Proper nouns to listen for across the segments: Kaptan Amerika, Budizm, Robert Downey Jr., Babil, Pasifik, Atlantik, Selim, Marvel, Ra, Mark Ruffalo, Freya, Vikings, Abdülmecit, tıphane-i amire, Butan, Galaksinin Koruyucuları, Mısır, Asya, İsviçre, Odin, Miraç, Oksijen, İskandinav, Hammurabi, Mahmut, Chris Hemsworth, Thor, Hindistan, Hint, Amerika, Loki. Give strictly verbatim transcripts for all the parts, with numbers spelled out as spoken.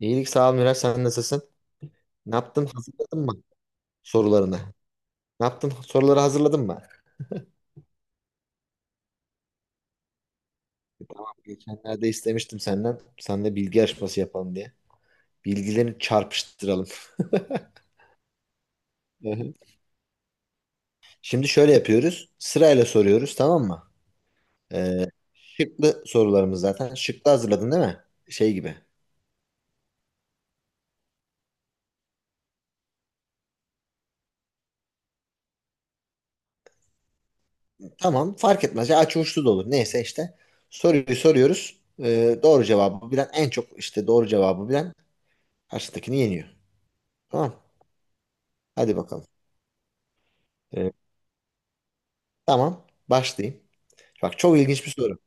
İyilik sağ ol Miraç sen nasılsın? Ne yaptın hazırladın mı sorularını? Ne yaptın soruları hazırladın mı? E, Tamam geçenlerde istemiştim senden. Sen de bilgi yarışması yapalım diye. Bilgilerini çarpıştıralım. Hı hı. Şimdi şöyle yapıyoruz. Sırayla soruyoruz tamam mı? Ee, şıklı sorularımız zaten. Şıklı hazırladın değil mi? Şey gibi. Tamam fark etmez. Ya açı uçlu da olur. Neyse işte. Soruyu soruyoruz. Ee, doğru cevabı bilen en çok işte doğru cevabı bilen karşıdakini yeniyor. Tamam. Hadi bakalım. Ee, Tamam, başlayayım. Bak çok ilginç bir soru.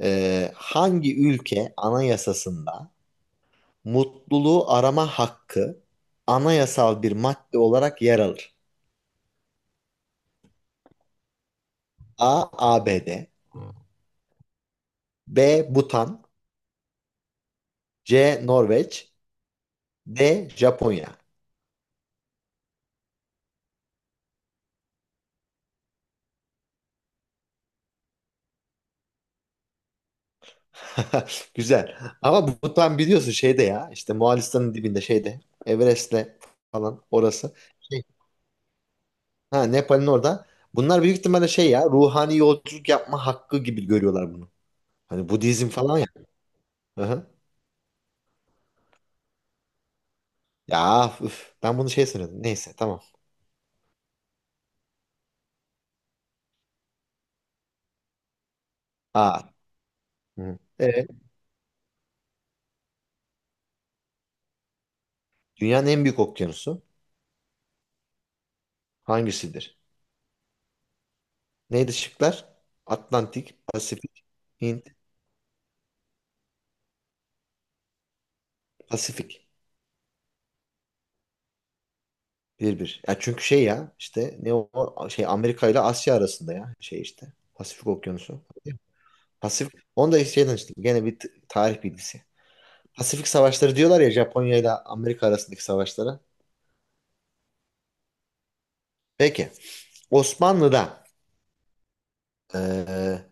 Ee, hangi ülke anayasasında mutluluğu arama hakkı anayasal bir madde olarak yer alır? A. ABD B. Butan C. Norveç D. Japonya Güzel. Ama bu- Butan biliyorsun şeyde ya işte Moğolistan'ın dibinde şeyde Everest'le falan orası. Şey, ha, Nepal'in orada. Bunlar büyük ihtimalle şey ya ruhani yolculuk yapma hakkı gibi görüyorlar bunu. Hani Budizm falan ya. Aha. Ya üf, ben bunu şey sanıyordum. Neyse tamam. Aa. Hı. Evet. Dünyanın en büyük okyanusu hangisidir? Neydi şıklar? Atlantik, Pasifik, Hint, Pasifik. Bir bir. Ya çünkü şey ya işte ne o o şey Amerika ile Asya arasında ya şey işte Pasifik Okyanusu. Pasifik. Onu da şeyden işte gene bir t- tarih bilgisi. Pasifik Savaşları diyorlar ya Japonya ile Amerika arasındaki savaşlara. Peki. Osmanlı'da eee,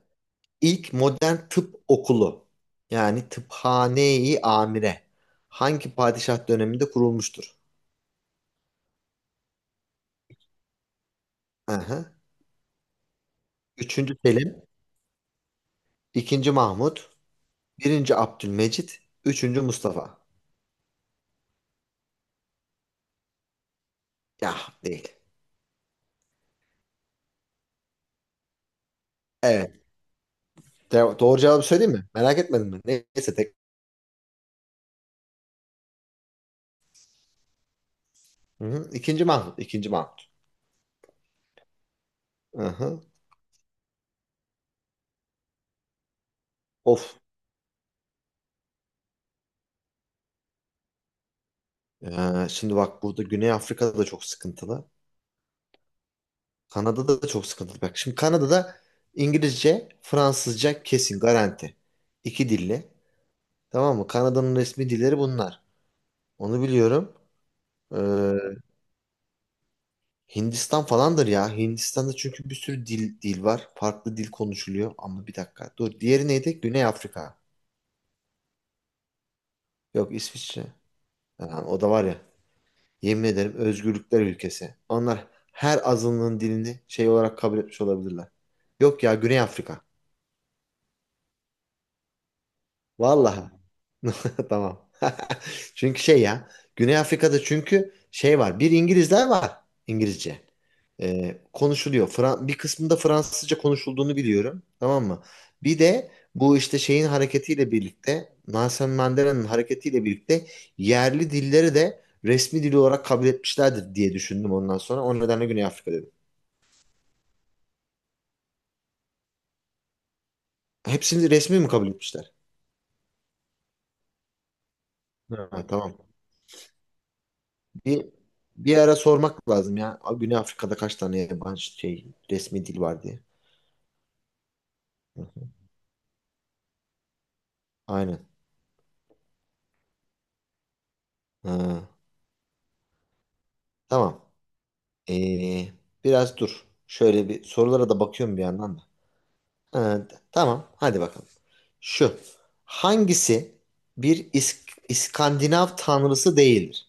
İlk modern tıp okulu yani tıphane-i amire hangi padişah döneminde kurulmuştur? Aha. Üçüncü Selim, ikinci Mahmut, birinci Abdülmecit, üçüncü Mustafa. Ya değil. Evet. De- doğru cevabı söyleyeyim mi? Merak etmedin mi? Neyse tek. Hı hı. İkinci Mahmut, ikinci Mahmut. Aha. Of. Ee, şimdi bak burada Güney Afrika'da da çok sıkıntılı. Kanada'da da çok sıkıntılı. Bak şimdi Kanada'da İngilizce, Fransızca kesin garanti. İki dilli. Tamam mı? Kanada'nın resmi dilleri bunlar. Onu biliyorum. Ee, Hindistan falandır ya. Hindistan'da çünkü bir sürü dil dil var. Farklı dil konuşuluyor. Ama bir dakika. Dur. Diğeri neydi? Güney Afrika. Yok İsviçre. Ha, o da var ya. Yemin ederim özgürlükler ülkesi. Onlar her azınlığın dilini şey olarak kabul etmiş olabilirler. Yok ya Güney Afrika. Vallahi. Tamam. Çünkü şey ya Güney Afrika'da çünkü şey var. Bir İngilizler var. İngilizce. Ee, konuşuluyor. Fra- bir kısmında Fransızca konuşulduğunu biliyorum. Tamam mı? Bir de bu işte şeyin hareketiyle birlikte Nelson Mandela'nın hareketiyle birlikte yerli dilleri de resmi dil olarak kabul etmişlerdir diye düşündüm ondan sonra. O nedenle Güney Afrika dedim. Hepsini resmi mi kabul etmişler? Ha. Ha, tamam. Bir, bir ara sormak lazım ya. Güney Afrika'da kaç tane yabancı şey resmi dil var diye. Hı hı. Aynen. Ha, tamam. Ee, biraz dur. Şöyle bir sorulara da bakıyorum bir yandan da. Ha, t- tamam. Hadi bakalım. Şu. Hangisi bir İsk- İskandinav tanrısı değildir?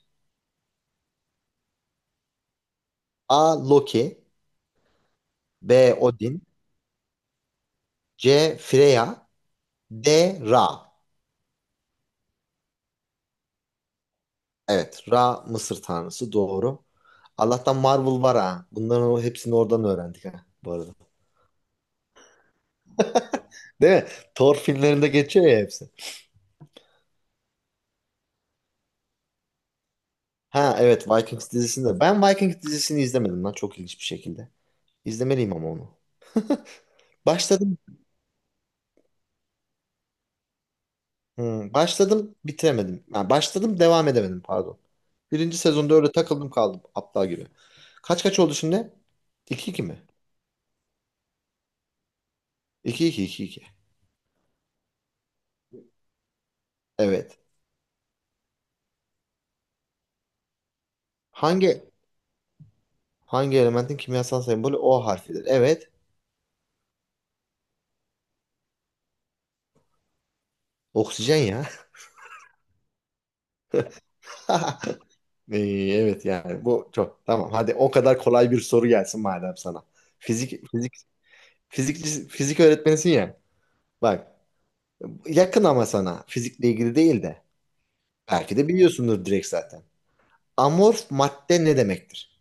A. Loki B. Odin C. Freya D. Ra. Evet. Ra Mısır tanrısı. Doğru. Allah'tan Marvel var ha. Bunların o- hepsini oradan öğrendik ha. Bu arada. Değil mi? Thor filmlerinde geçiyor ya hepsi. Ha evet Vikings dizisinde. Ben Vikings dizisini izlemedim lan çok ilginç bir şekilde. İzlemeliyim ama onu. Başladım. Hmm, başladım bitiremedim. Ha, başladım devam edemedim pardon. Birinci sezonda öyle takıldım kaldım aptal gibi. Kaç kaç oldu şimdi? 2 iki mi? 2 iki iki iki. Evet. Hangi hangi elementin kimyasal sembolü O harfidir? Evet. Oksijen ya. Ee, evet yani bu çok tamam. Hadi o kadar kolay bir soru gelsin madem sana. Fizik fizik fizikçi fizik öğretmenisin ya. Bak yakın ama sana fizikle ilgili değil de belki de biliyorsundur direkt zaten. Amorf madde ne demektir?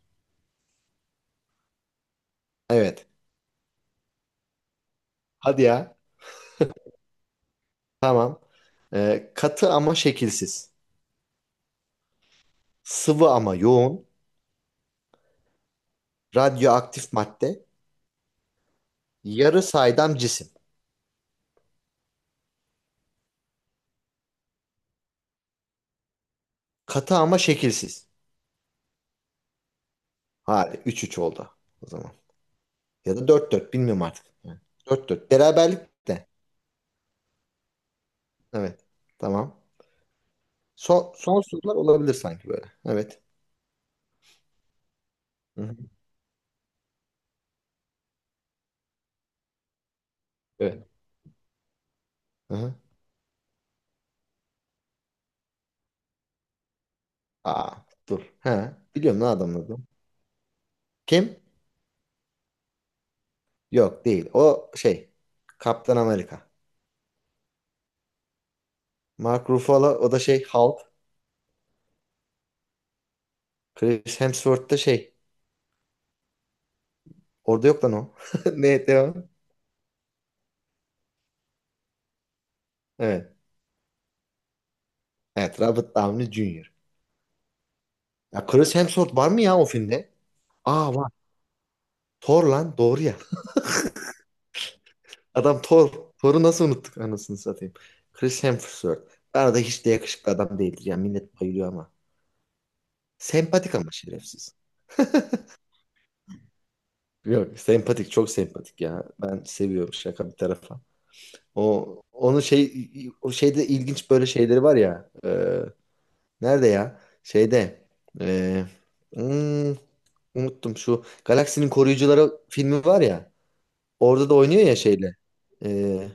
Evet. Hadi ya. Tamam. Ee, katı ama şekilsiz. Sıvı ama yoğun. Radyoaktif madde. Yarı saydam cisim. Katı ama şekilsiz. Hadi üç üç oldu o zaman. Ya da dört dört bilmiyorum artık. Yani dört dört. Beraberlik de. Evet. Tamam. Son, son sorular olabilir sanki böyle. Evet. Hı hı. Evet. Hı hı. Aa dur. He. Biliyorum ne adamın adı. Kim? Yok değil. O şey. Kaptan Amerika. Mark Ruffalo o da şey Hulk. Chris Hemsworth da şey. Orada yok lan o. Ne devam? Evet. Evet Robert Downey Junior Ya Chris Hemsworth var mı ya o filmde? Aa var. Thor lan doğru ya. Adam Thor. Thor'u nasıl unuttuk anasını satayım. Chris Hemsworth. Bana da hiç de yakışıklı adam değildir ya. Millet bayılıyor ama. Sempatik ama şerefsiz. Yok sempatik çok sempatik ya. Ben seviyorum şaka bir tarafa. O onun şey o şeyde ilginç böyle şeyleri var ya. e, nerede ya? Şeyde. e, hmm, unuttum şu Galaksinin Koruyucuları filmi var ya. Orada da oynuyor ya şeyle. E,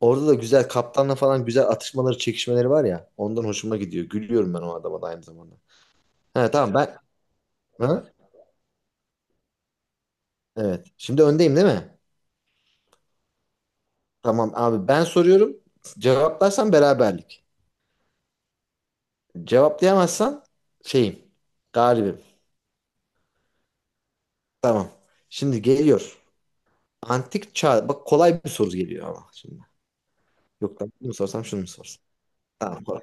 orada da güzel kaptanla falan güzel atışmaları, çekişmeleri var ya. Ondan hoşuma gidiyor. Gülüyorum ben o adama da aynı zamanda. Ha tamam ben ha? Evet. Şimdi öndeyim değil mi? Tamam abi ben soruyorum. Cevaplarsan beraberlik. Cevaplayamazsan şeyim, galibim. Tamam. Şimdi geliyor. Antik çağ. Bak kolay bir soru geliyor ama şimdi. Yok lan bunu mu sorsam şunu mu sorsam? Tamam kolay.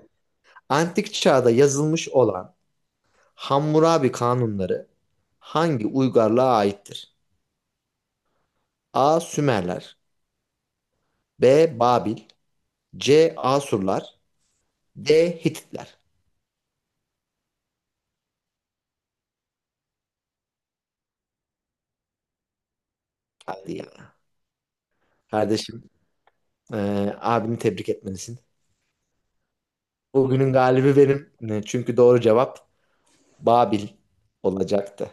Antik çağda yazılmış olan Hammurabi kanunları hangi uygarlığa aittir? A. Sümerler B. Babil C. Asurlar D. Hititler. Hadi ya. Kardeşim, eee abini tebrik etmelisin. Bugünün galibi benim. Ne- Çünkü doğru cevap Babil olacaktı.